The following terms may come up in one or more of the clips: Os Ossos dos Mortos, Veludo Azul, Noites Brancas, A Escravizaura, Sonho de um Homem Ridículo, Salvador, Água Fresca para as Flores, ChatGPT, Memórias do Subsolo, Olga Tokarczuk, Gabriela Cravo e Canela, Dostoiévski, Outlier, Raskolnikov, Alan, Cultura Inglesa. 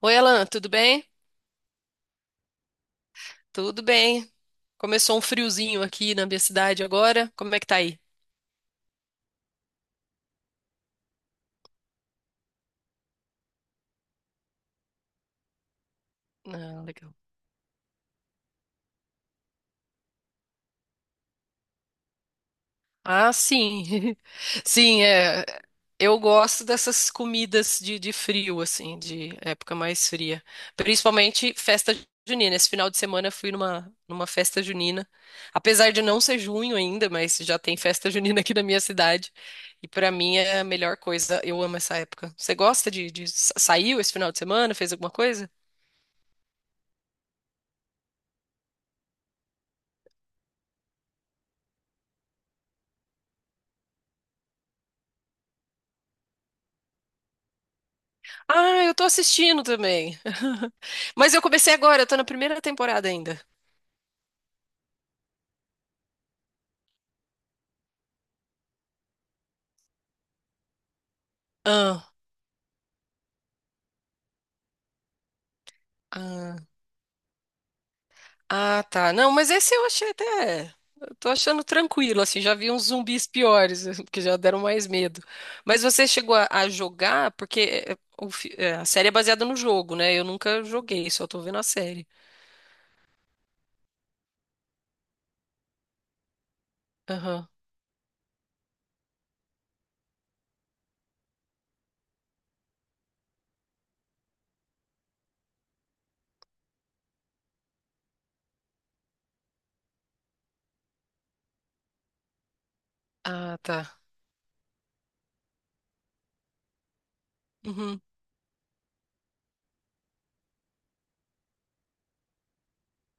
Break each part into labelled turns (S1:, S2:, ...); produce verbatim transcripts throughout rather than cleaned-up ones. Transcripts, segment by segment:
S1: Oi, Alan, tudo bem? Tudo bem. Começou um friozinho aqui na minha cidade agora. Como é que tá aí? Ah, legal. Ah, sim. Sim, é. Eu gosto dessas comidas de, de frio, assim, de época mais fria. Principalmente festa junina. Esse final de semana eu fui numa, numa festa junina. Apesar de não ser junho ainda, mas já tem festa junina aqui na minha cidade. E pra mim é a melhor coisa. Eu amo essa época. Você gosta de, de sa- saiu esse final de semana? Fez alguma coisa? Ah, eu tô assistindo também. Mas eu comecei agora, eu tô na primeira temporada ainda. Ah, ah, ah, tá. Não, mas esse eu achei até. Eu tô achando tranquilo, assim, já vi uns zumbis piores, que já deram mais medo. Mas você chegou a, a jogar, porque é, é, o fi- é, a série é baseada no jogo, né? Eu nunca joguei, só tô vendo a série. Aham. Ah, tá. Uhum.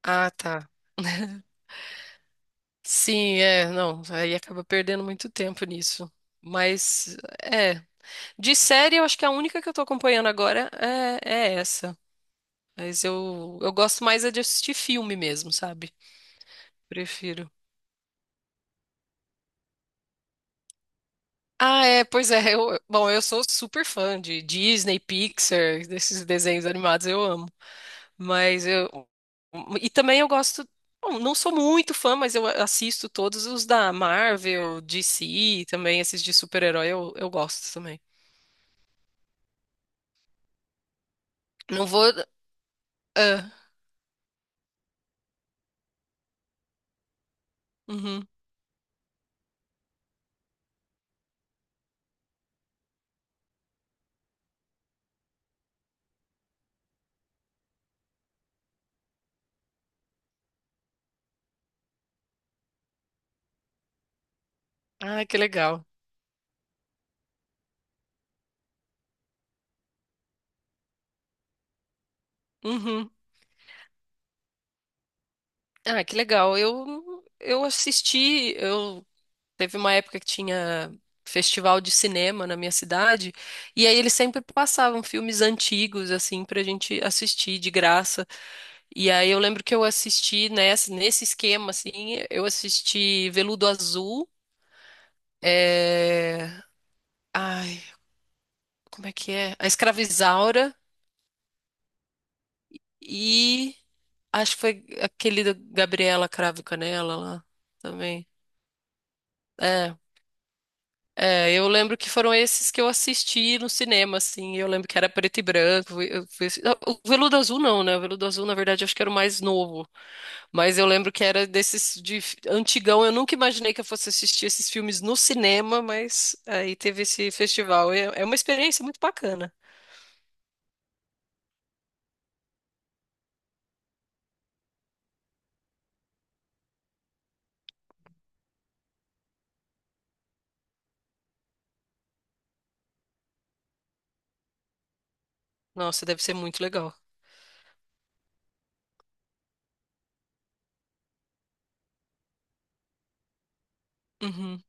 S1: Ah, tá. Sim, é, não, aí acaba perdendo muito tempo nisso. Mas, é. De série, eu acho que a única que eu tô acompanhando agora é, é essa. Mas eu, eu gosto mais é de assistir filme mesmo, sabe? Prefiro. Ah, é, pois é. Eu, bom, eu sou super fã de Disney, Pixar, desses desenhos animados, eu amo. Mas eu. E também eu gosto. Bom, não sou muito fã, mas eu assisto todos os da Marvel, D C, também esses de super-herói eu, eu gosto também. Não vou. Ah, uhum. Ah, que legal. Uhum. Ah, que legal. Eu, eu assisti, eu teve uma época que tinha festival de cinema na minha cidade, e aí eles sempre passavam filmes antigos assim pra gente assistir de graça. E aí eu lembro que eu assisti nessa, nesse esquema assim, eu assisti Veludo Azul, é... Ai, como é que é? A Escravizaura e acho que foi aquele da Gabriela Cravo e Canela lá também. É. É, eu lembro que foram esses que eu assisti no cinema, assim. Eu lembro que era preto e branco. Eu fui- o Veludo Azul não, né? O Veludo Azul, na verdade, acho que era o mais novo. Mas eu lembro que era desses de f- antigão. Eu nunca imaginei que eu fosse assistir esses filmes no cinema, mas aí teve esse festival. É, é uma experiência muito bacana. Nossa, deve ser muito legal. Uhum,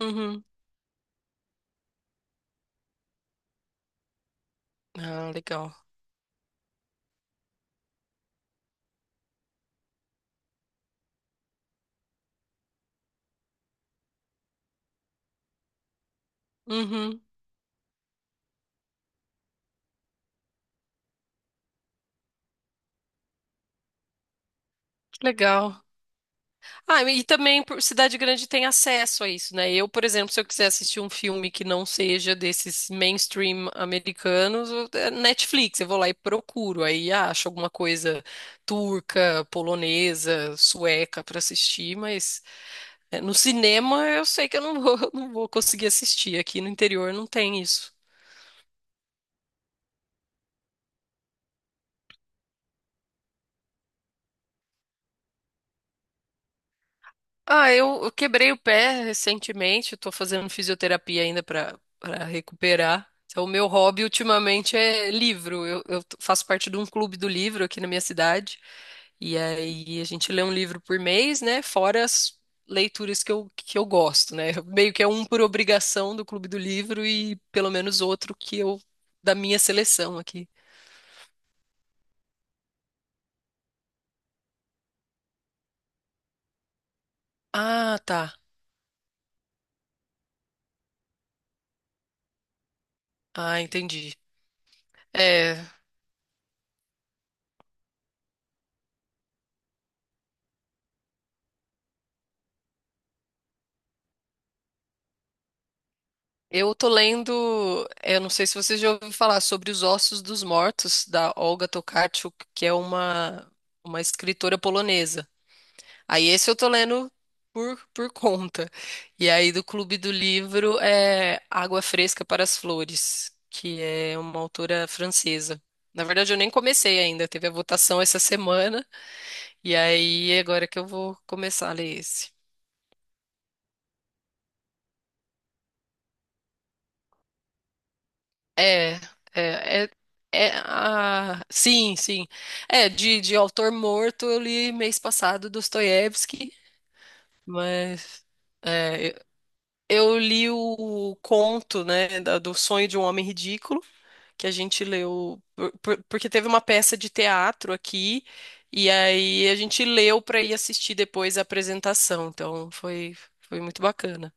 S1: uhum. Ah, legal. Uhum, legal. Ah, e também por cidade grande tem acesso a isso, né? Eu, por exemplo, se eu quiser assistir um filme que não seja desses mainstream americanos, eu- é Netflix, eu vou lá e procuro, aí acho alguma coisa turca, polonesa, sueca para assistir, mas é, no cinema eu sei que eu não vou, não vou conseguir assistir. Aqui no interior não tem isso. Ah, eu, eu quebrei o pé recentemente. Estou fazendo fisioterapia ainda para para recuperar. Então, o meu hobby ultimamente é livro. Eu, eu t- faço parte de um clube do livro aqui na minha cidade. E aí a gente lê um livro por mês, né? Fora as leituras que eu, que eu gosto, né? Meio que é um por obrigação do clube do livro e pelo menos outro que eu da minha seleção aqui. Ah, tá. Ah, entendi. É. Eu tô lendo, eh, eu não sei se você já ouviu falar sobre Os Ossos dos Mortos, da Olga Tokarczuk, que é uma, uma escritora polonesa. Aí esse eu tô lendo por, por conta. E aí do Clube do Livro é Água Fresca para as Flores, que é uma autora francesa. Na verdade, eu nem comecei ainda, teve a votação essa semana, e aí agora que eu vou começar a ler esse. É, é, é, é ah, sim, sim. É, de, de autor morto eu li mês passado Dostoiévski, mas é, eu li o conto, né, da- do Sonho de um Homem Ridículo, que a gente leu, por- por- porque teve uma peça de teatro aqui, e aí a gente leu para ir assistir depois a apresentação, então foi, foi muito bacana.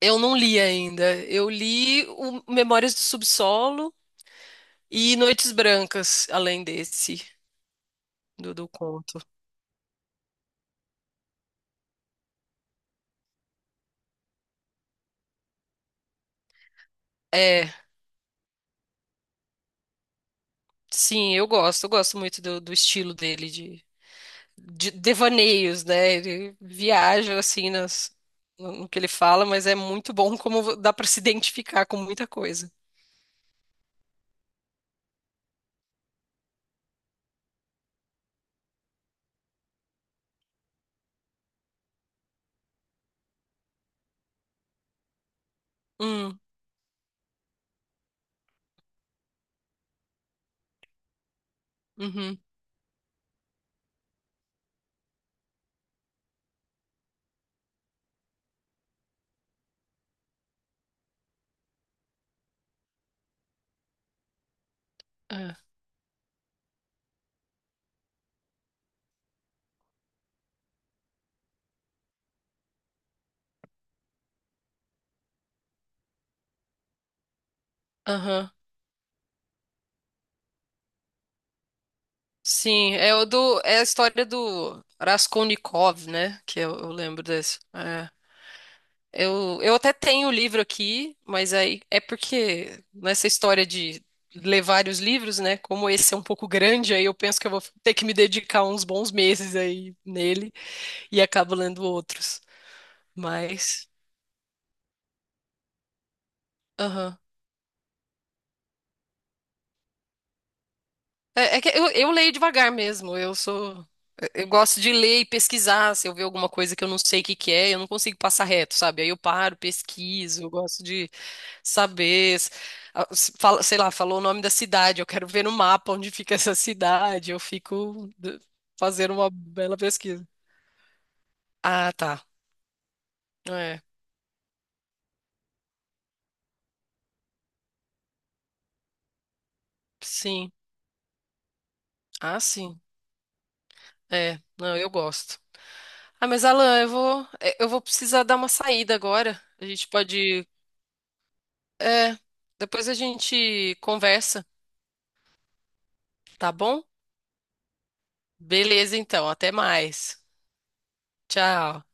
S1: Eu não li ainda. Eu li o Memórias do Subsolo e Noites Brancas, além desse, do, do conto. É, sim, eu gosto, eu gosto muito do, do estilo dele, de, de devaneios, né? Ele viaja, assim, nas, no, no que ele fala, mas é muito bom como dá pra se identificar com muita coisa. Hum, uhum, é, aham. Sim, é, o do, é a história do Raskolnikov, né? Que eu, eu lembro desse. É. Eu, eu até tenho o livro aqui, mas aí é porque nessa história de ler vários livros, né? Como esse é um pouco grande, aí eu penso que eu vou ter que me dedicar uns bons meses aí nele e acabo lendo outros. Mas, aham. É, é que eu, eu leio devagar mesmo. Eu sou, eu gosto de ler e pesquisar. Se eu ver alguma coisa que eu não sei o que que é, eu não consigo passar reto, sabe? Aí eu paro, pesquiso. Eu gosto de saber, s- a- s- fala- sei lá, falou o nome da cidade, eu quero ver no mapa onde fica essa cidade, eu fico d- fazendo uma bela pesquisa. Ah, tá. É, sim. Ah, sim. É, não, eu gosto. Ah, mas Alan, eu vou, é, eu vou precisar dar uma saída agora. A gente pode, é, depois a gente conversa, tá bom? Beleza, então, até mais. Tchau.